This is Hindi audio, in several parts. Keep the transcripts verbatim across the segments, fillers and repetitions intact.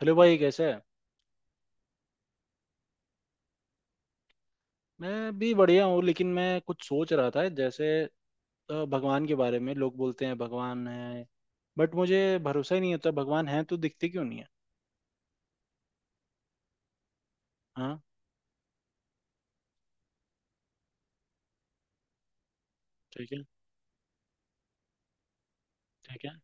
हेलो भाई, कैसे है? मैं भी बढ़िया हूँ, लेकिन मैं कुछ सोच रहा था जैसे अ, भगवान के बारे में लोग बोलते हैं भगवान है। बट मुझे भरोसा ही नहीं होता, भगवान है तो दिखते क्यों नहीं है? हाँ। ठीक है। ठीक है।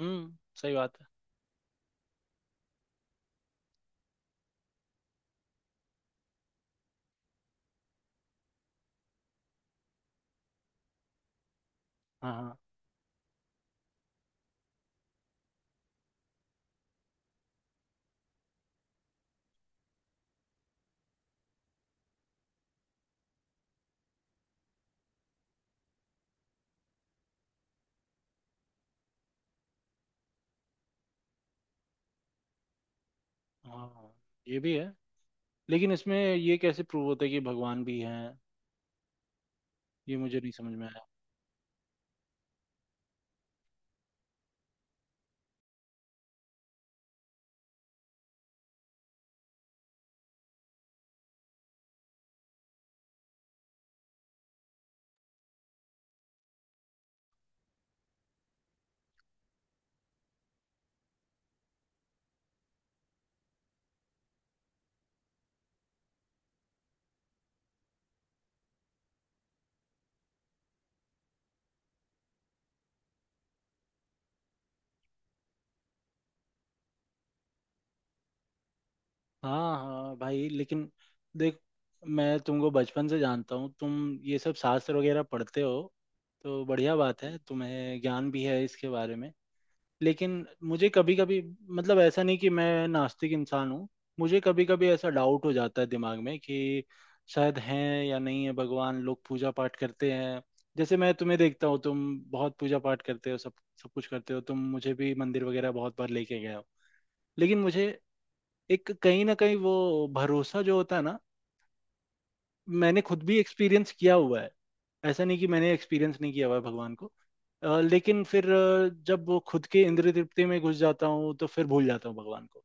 हम्म, सही बात है। हाँ, हाँ। हाँ, ये भी है। लेकिन इसमें ये कैसे प्रूव होता है कि भगवान भी हैं, ये मुझे नहीं समझ में आया। हाँ हाँ भाई, लेकिन देख, मैं तुमको बचपन से जानता हूँ, तुम ये सब शास्त्र वगैरह पढ़ते हो तो बढ़िया बात है, तुम्हें ज्ञान भी है इसके बारे में। लेकिन मुझे कभी कभी, मतलब ऐसा नहीं कि मैं नास्तिक इंसान हूँ। मुझे कभी कभी ऐसा डाउट हो जाता है दिमाग में कि शायद हैं या नहीं है भगवान, लोग पूजा पाठ करते हैं। जैसे मैं तुम्हें देखता हूँ, तुम बहुत पूजा पाठ करते हो, सब सब कुछ करते हो, तुम मुझे भी मंदिर वगैरह बहुत बार लेके गए हो। लेकिन मुझे एक कहीं ना कहीं वो भरोसा जो होता है ना, मैंने खुद भी एक्सपीरियंस किया हुआ है। ऐसा नहीं कि मैंने एक्सपीरियंस नहीं किया हुआ है भगवान को। अ, लेकिन फिर अ, जब वो खुद के इंद्रिय तृप्ति में घुस जाता हूँ तो फिर भूल जाता हूँ भगवान को।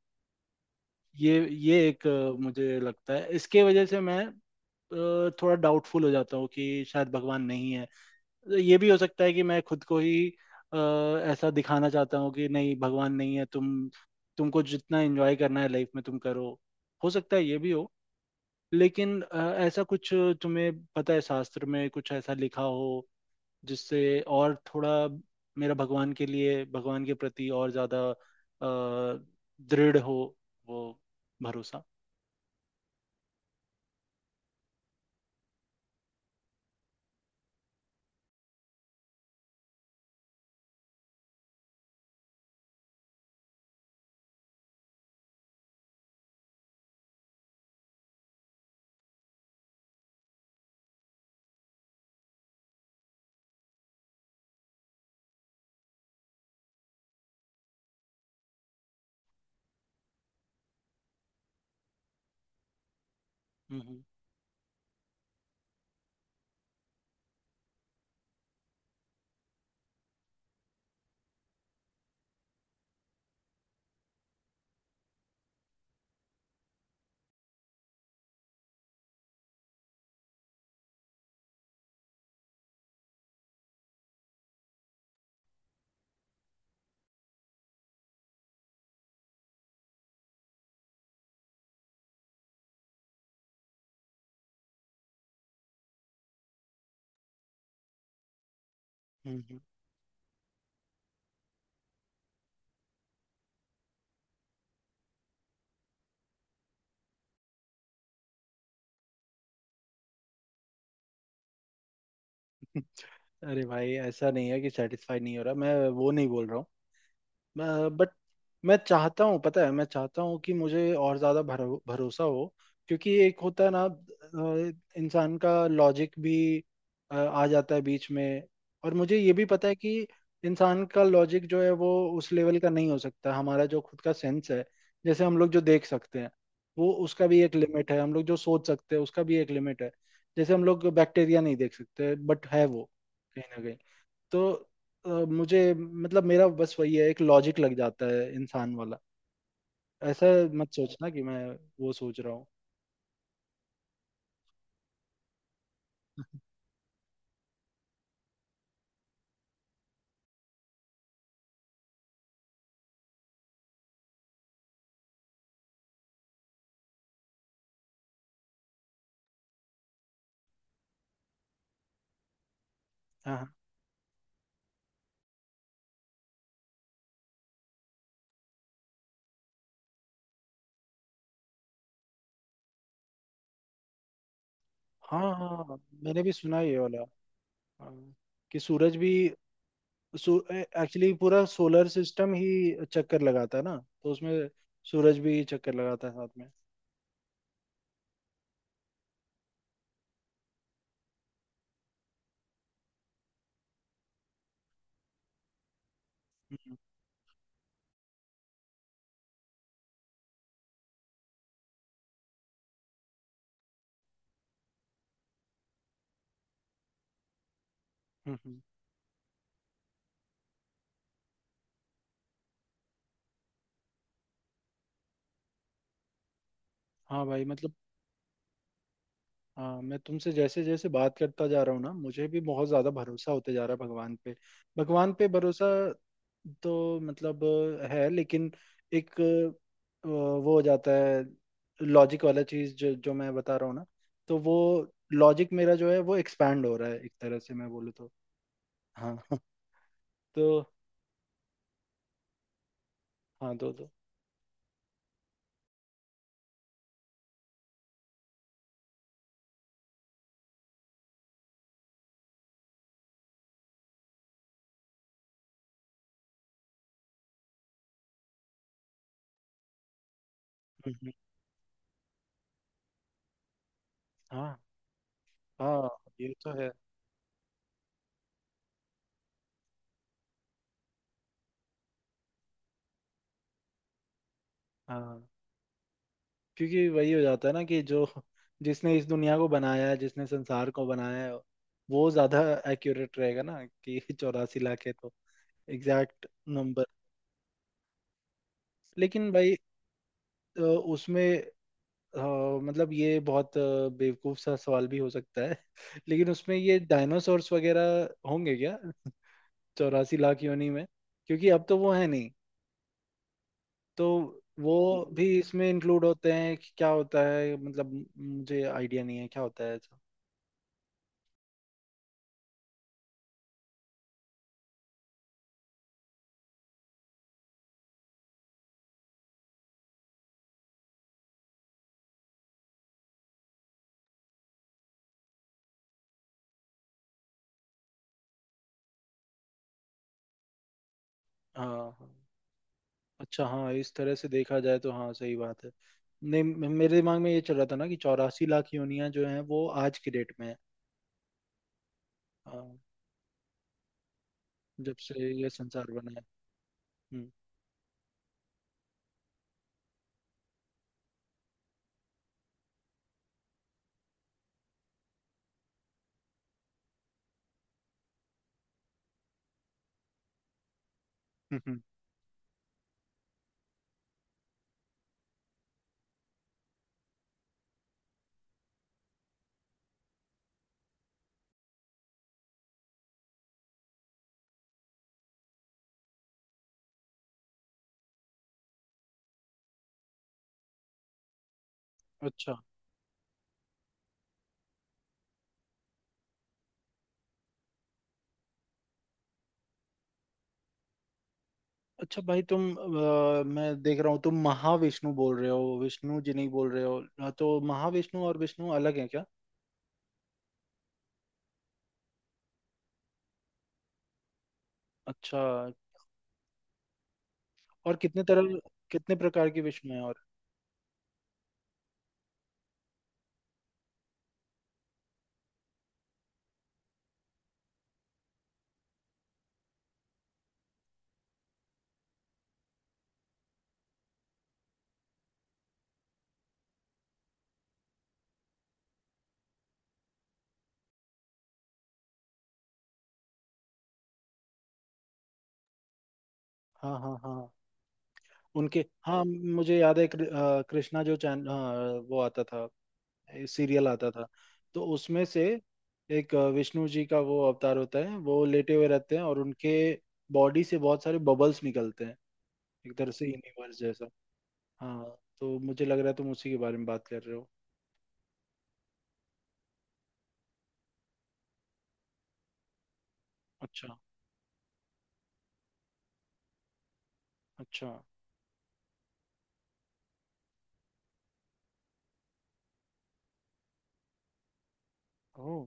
ये ये एक, अ, मुझे लगता है इसके वजह से मैं अ, थोड़ा डाउटफुल हो जाता हूँ कि शायद भगवान नहीं है। ये भी हो सकता है कि मैं खुद को ही अ, ऐसा दिखाना चाहता हूँ कि नहीं, भगवान नहीं है, तुम तुमको जितना एंजॉय करना है लाइफ में तुम करो। हो सकता है ये भी हो। लेकिन अ, ऐसा कुछ, तुम्हें पता है शास्त्र में कुछ ऐसा लिखा हो जिससे और थोड़ा मेरा भगवान के लिए भगवान के प्रति और ज्यादा अ, दृढ़ हो, वो भरोसा। हम्म, हम्म, हम्म, हम्म। अरे भाई, ऐसा नहीं है कि सेटिस्फाई नहीं हो रहा, मैं वो नहीं बोल रहा हूँ, बट मैं चाहता हूँ, पता है, मैं चाहता हूँ कि मुझे और ज़्यादा भरो, भरोसा हो। क्योंकि एक होता है ना, अ, इंसान का लॉजिक भी अ, आ जाता है बीच में। और मुझे ये भी पता है कि इंसान का लॉजिक जो है वो उस लेवल का नहीं हो सकता, हमारा जो खुद का सेंस है, जैसे हम लोग जो देख सकते हैं वो, उसका भी एक लिमिट है, हम लोग जो सोच सकते हैं उसका भी एक लिमिट है। जैसे हम लोग बैक्टीरिया नहीं देख सकते, बट है वो कहीं ना कहीं। तो अ, मुझे, मतलब मेरा बस वही है, एक लॉजिक लग जाता है इंसान वाला, ऐसा मत सोचना कि मैं वो सोच रहा हूँ। हाँ, हाँ, हाँ, हाँ, मैंने भी सुना है ये वाला। हाँ, कि सूरज भी एक्चुअली पूरा सोलर सिस्टम ही चक्कर लगाता है ना, तो उसमें सूरज भी चक्कर लगाता है साथ में। हम्म, हम्म, हम्म। हाँ भाई, मतलब हाँ, मैं तुमसे जैसे जैसे बात करता जा रहा हूँ ना, मुझे भी बहुत ज्यादा भरोसा होते जा रहा है भगवान पे। भगवान पे भरोसा, तो मतलब अ, है, लेकिन एक अ, वो हो जाता है लॉजिक वाला चीज, जो जो मैं बता रहा हूँ ना, तो वो लॉजिक मेरा जो है वो एक्सपैंड हो रहा है, एक तरह से मैं बोलूँ तो। हाँ। तो हाँ, दो दो। हम्म, हम्म, हाँ। हाँ, ये तो है। हाँ, क्योंकि वही हो जाता है ना कि जो जिसने इस दुनिया को बनाया है, जिसने संसार को बनाया है, वो ज्यादा एक्यूरेट रहेगा ना कि चौरासी लाख है तो एग्जैक्ट नंबर। लेकिन भाई अ, उसमें अ, मतलब ये बहुत अ, बेवकूफ सा सवाल भी हो सकता है, लेकिन उसमें ये डायनासोर्स वगैरह होंगे क्या? चौरासी लाख योनि में? क्योंकि अब तो वो है नहीं, तो वो भी इसमें इंक्लूड होते हैं कि क्या होता है, मतलब मुझे आइडिया नहीं है क्या होता है ऐसा। हाँ, हाँ। अच्छा हाँ, इस तरह से देखा जाए तो हाँ, सही बात है। नहीं, मे- मेरे दिमाग में ये चल रहा था ना कि चौरासी लाख योनियां जो हैं वो आज की डेट में है। जब से ये संसार बना है। हम्म, हम्म, हम्म। अच्छा। अच्छा भाई, तुम, अ, मैं देख रहा हूँ तुम महाविष्णु बोल रहे हो, विष्णु जी नहीं बोल रहे हो, हाँ, तो महाविष्णु और विष्णु अलग हैं क्या? अच्छा, और कितने तरह कितने प्रकार के विष्णु हैं, और हाँ, हाँ, हाँ, उनके। हाँ, मुझे याद है कृ- अ, कृष्णा जो चैन, हाँ, वो आता था, सीरियल आता था, तो उसमें से एक अ, विष्णु जी का वो अवतार होता है, वो लेटे हुए रहते हैं और उनके बॉडी से बहुत सारे बबल्स निकलते हैं, एक तरह से यूनिवर्स जैसा। हाँ, तो मुझे लग रहा है तुम उसी के बारे में बात कर रहे हो। अच्छा, अच्छा। ओह।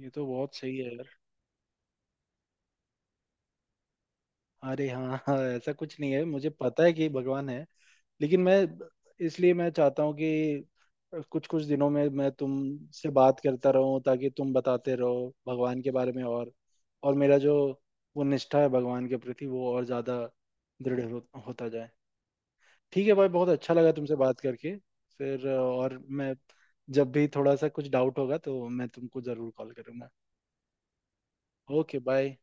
ये तो बहुत सही है यार। अरे हाँ, हाँ, ऐसा कुछ नहीं है, मुझे पता है कि भगवान है। लेकिन मैं, इसलिए मैं चाहता हूँ कि कुछ कुछ दिनों में मैं तुमसे बात करता रहूं ताकि तुम बताते रहो भगवान के बारे में, और और मेरा जो वो निष्ठा है भगवान के प्रति, वो और ज्यादा दृढ़ हो, होता जाए। ठीक है भाई, बहुत अच्छा लगा तुमसे बात करके। फिर अ, और मैं जब भी थोड़ा सा कुछ डाउट होगा तो मैं तुमको जरूर कॉल करूंगा। Okay, bye.